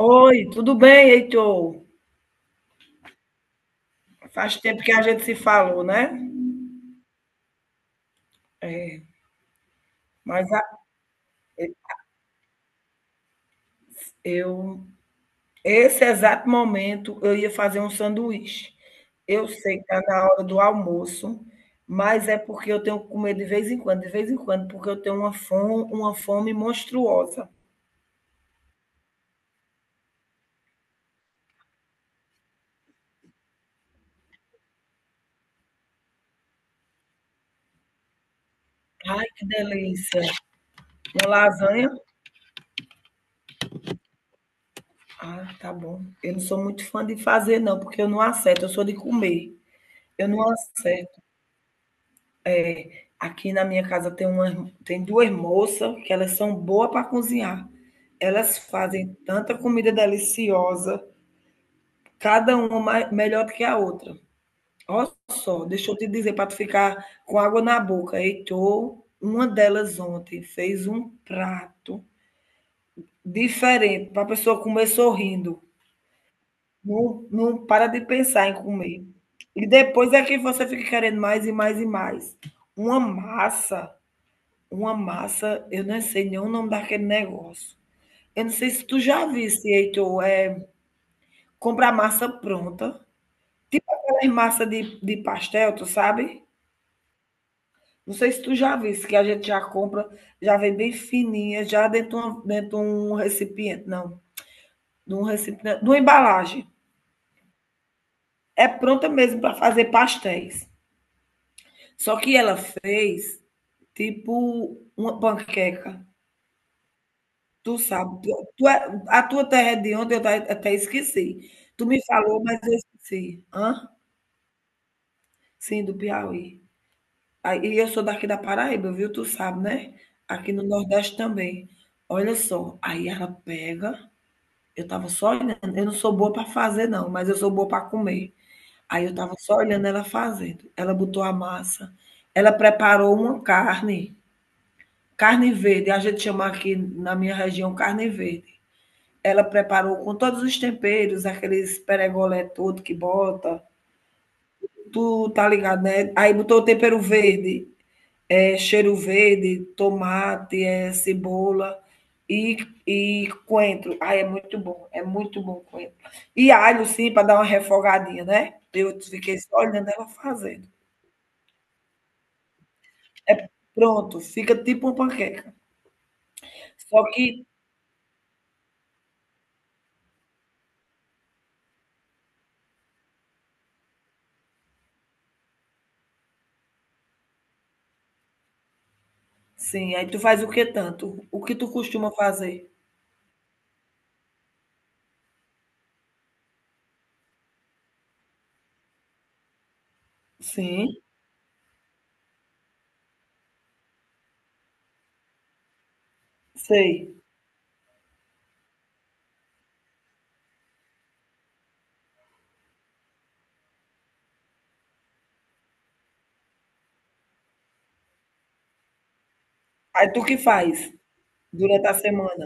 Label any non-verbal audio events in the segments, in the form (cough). Oi, tudo bem, Heitor? Faz tempo que a gente se falou, né? É, mas eu, esse exato momento, eu ia fazer um sanduíche. Eu sei que está na hora do almoço, mas é porque eu tenho que comer de vez em quando, de vez em quando, porque eu tenho uma fome monstruosa. Ai, que delícia. Uma lasanha? Ah, tá bom. Eu não sou muito fã de fazer, não, porque eu não acerto, eu sou de comer. Eu não acerto. Aqui na minha casa tem uma, tem duas moças que elas são boas para cozinhar. Elas fazem tanta comida deliciosa, cada uma melhor do que a outra. Olha só, deixa eu te dizer para tu ficar com água na boca. Heitor, uma delas ontem fez um prato diferente para a pessoa comer sorrindo. Não, não para de pensar em comer. E depois é que você fica querendo mais e mais e mais. Uma massa, Uma massa, eu não sei nem o nome daquele negócio. Eu não sei se tu já visse, Heitor, é comprar massa pronta, tipo aquelas massa de pastel, tu sabe? Não sei se tu já visse, que a gente já compra, já vem bem fininha, já dentro de uma dentro de um recipiente não, de um recipiente de uma embalagem. É pronta mesmo para fazer pastéis. Só que ela fez tipo uma panqueca. Tu sabe, tu tu é A tua terra é de onde? Eu até esqueci. Tu me falou, mas eu esqueci. Hã? Sim, do Piauí. Aí e eu sou daqui da Paraíba, viu, tu sabe, né? Aqui no Nordeste também. Olha só, aí ela pega eu tava só olhando, eu não sou boa para fazer não, mas eu sou boa para comer. Aí eu tava só olhando ela fazendo. Ela botou a massa, ela preparou uma carne, carne verde, a gente chama aqui na minha região carne verde. Ela preparou com todos os temperos, aqueles peregolé todo que bota. Tu tá ligado, né? Aí botou tempero verde, é, cheiro verde, tomate, é, cebola e, e coentro. Ai, é muito bom o coentro. E alho, sim, para dar uma refogadinha, né? Eu fiquei só olhando ela fazendo. É pronto, fica tipo uma panqueca. Só que, sim, aí tu faz o que tanto? O que tu costuma fazer? Sim, sei. Aí tu que faz? Durante a semana.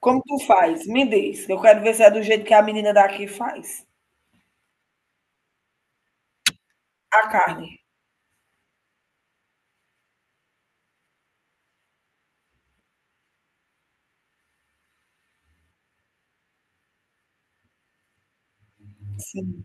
Como tu faz? Me diz. Eu quero ver se é do jeito que a menina daqui faz. A carne. Sim,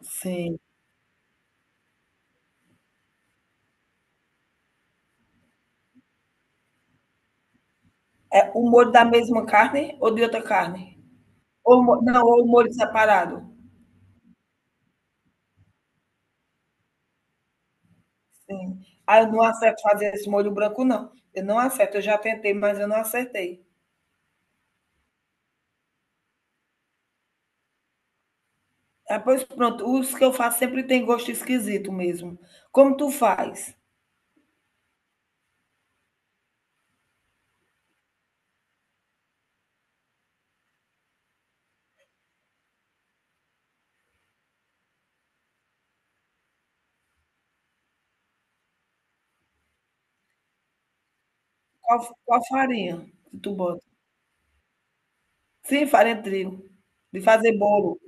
sim. É o molho da mesma carne ou de outra carne? Não, ou o molho separado. Sim. Ah, eu não acerto fazer esse molho branco, não. Eu não acerto, eu já tentei, mas eu não acertei. Ah, pois pronto, os que eu faço sempre tem gosto esquisito mesmo. Como tu faz? Qual farinha que tu bota? Sim, farinha de trigo. De fazer bolo.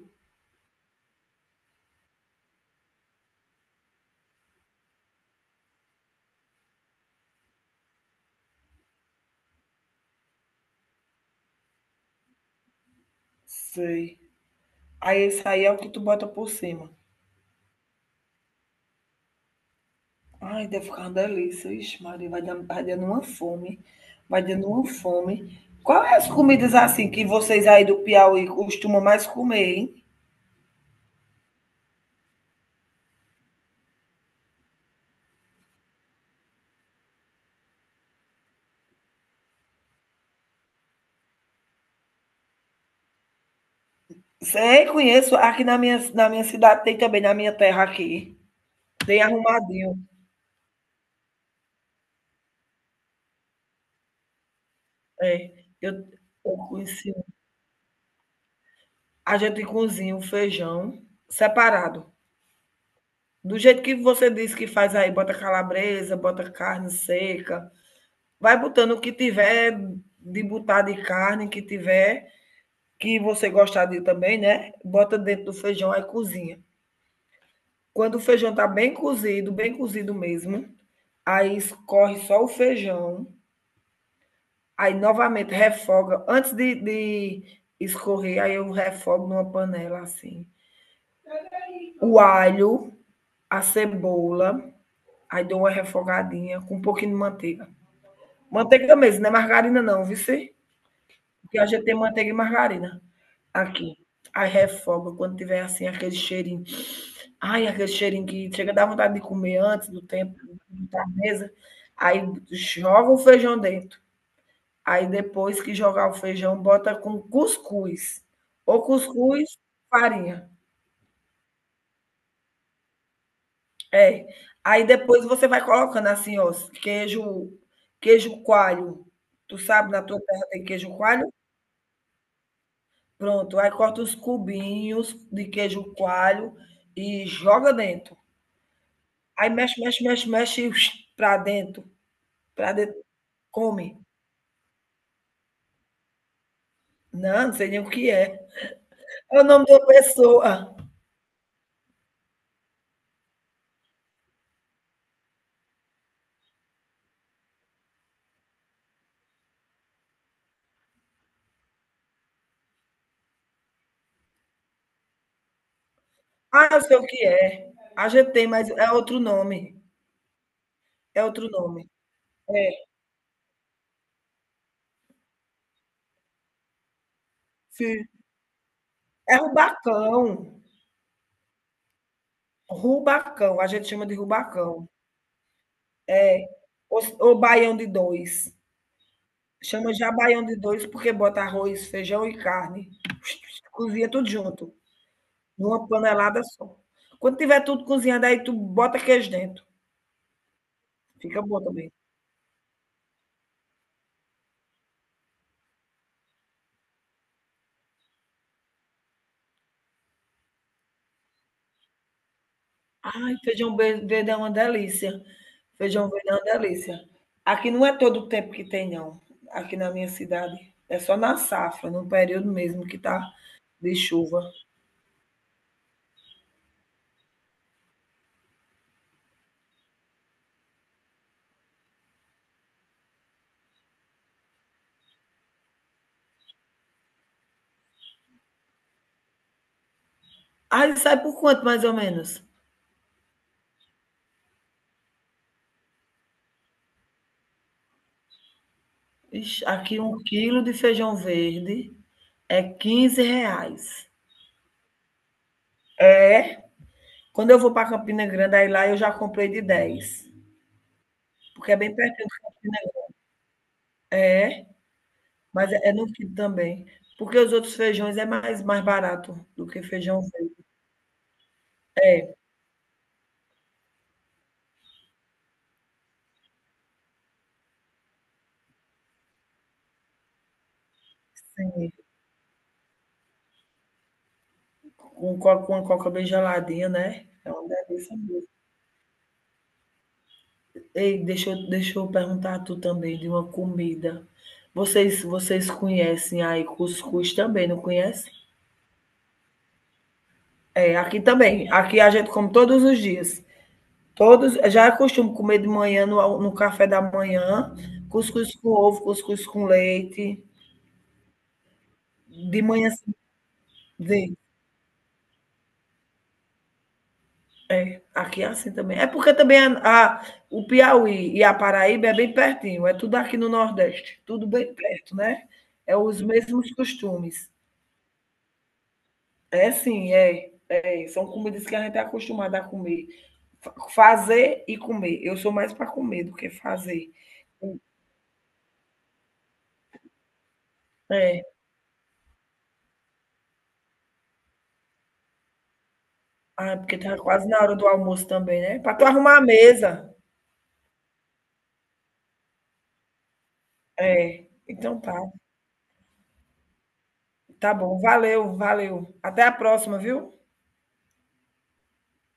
Sei. Aí esse aí é o que tu bota por cima. Ai, deve ficar uma delícia. Ixi, Maria, vai dando uma fome. Vai dando uma fome. Quais as comidas assim que vocês aí do Piauí costumam mais comer, hein? Sei, conheço. Aqui na minha cidade tem também, na minha terra aqui. Tem arrumadinho. É. Eu, eu conheci um. A gente cozinha o feijão separado. Do jeito que você disse que faz aí, bota calabresa, bota carne seca, vai botando o que tiver de botar de carne, que tiver, que você gostar de também, né? Bota dentro do feijão aí cozinha. Quando o feijão tá bem cozido mesmo, aí escorre só o feijão, aí novamente refoga. Antes de escorrer, aí eu refogo numa panela assim. O alho, a cebola, aí dou uma refogadinha com um pouquinho de manteiga. Manteiga mesmo, não é margarina não, viu? Porque a gente tem manteiga e margarina. Aqui. Aí refoga quando tiver assim aquele cheirinho. Ai, aquele cheirinho que chega a dar vontade de comer antes do tempo da mesa. Aí joga o feijão dentro. Aí depois que jogar o feijão, bota com cuscuz. Ou cuscuz, farinha. É. Aí depois você vai colocando assim, ó, queijo, queijo coalho. Tu sabe, na tua terra tem queijo coalho? Pronto. Aí corta os cubinhos de queijo coalho e joga dentro. Aí mexe, mexe, mexe, mexe (sniffs) para dentro, para dentro, come. Não, não sei nem o que é. É o nome da pessoa. Ah, eu sei o que é. A gente tem, mas é outro nome. É outro nome. É, sim. É rubacão. Rubacão. A gente chama de rubacão. Ou baião de dois. Chama já baião de dois porque bota arroz, feijão e carne. Cozinha tudo junto, numa panelada só. Quando tiver tudo cozinhado, aí tu bota queijo dentro. Fica bom também. Ai, feijão verde é uma delícia. Feijão verde é uma delícia. Aqui não é todo o tempo que tem, não. Aqui na minha cidade. É só na safra, no período mesmo que tá de chuva. Aí sai por quanto, mais ou menos? Ixi, aqui um quilo de feijão verde é 15 reais. Quando eu vou para Campina Grande, aí lá eu já comprei de 10, porque é bem pertinho de Campina, mas é é no quilo também. Porque os outros feijões é mais barato do que feijão verde. Com coca, com a coca bem geladinha, né? É uma delícia mesmo. Ei, deixa eu perguntar a tu também de uma comida. Vocês conhecem aí cuscuz também, não conhecem? É, aqui também. Aqui a gente come todos os dias. Todos, já é comer de manhã, no café da manhã, cuscuz com ovo, cuscuz com leite. De manhã. É, aqui é assim também. É porque também o Piauí e a Paraíba é bem pertinho, é tudo aqui no Nordeste, tudo bem perto, né? É os mesmos costumes. É sim, é, é. São comidas que a gente é acostumado a comer. Fazer e comer. Eu sou mais para comer do que fazer. É. Ah, porque tá quase na hora do almoço também, né? Para tu arrumar a mesa. É. Então tá. Tá bom. Valeu, valeu. Até a próxima, viu?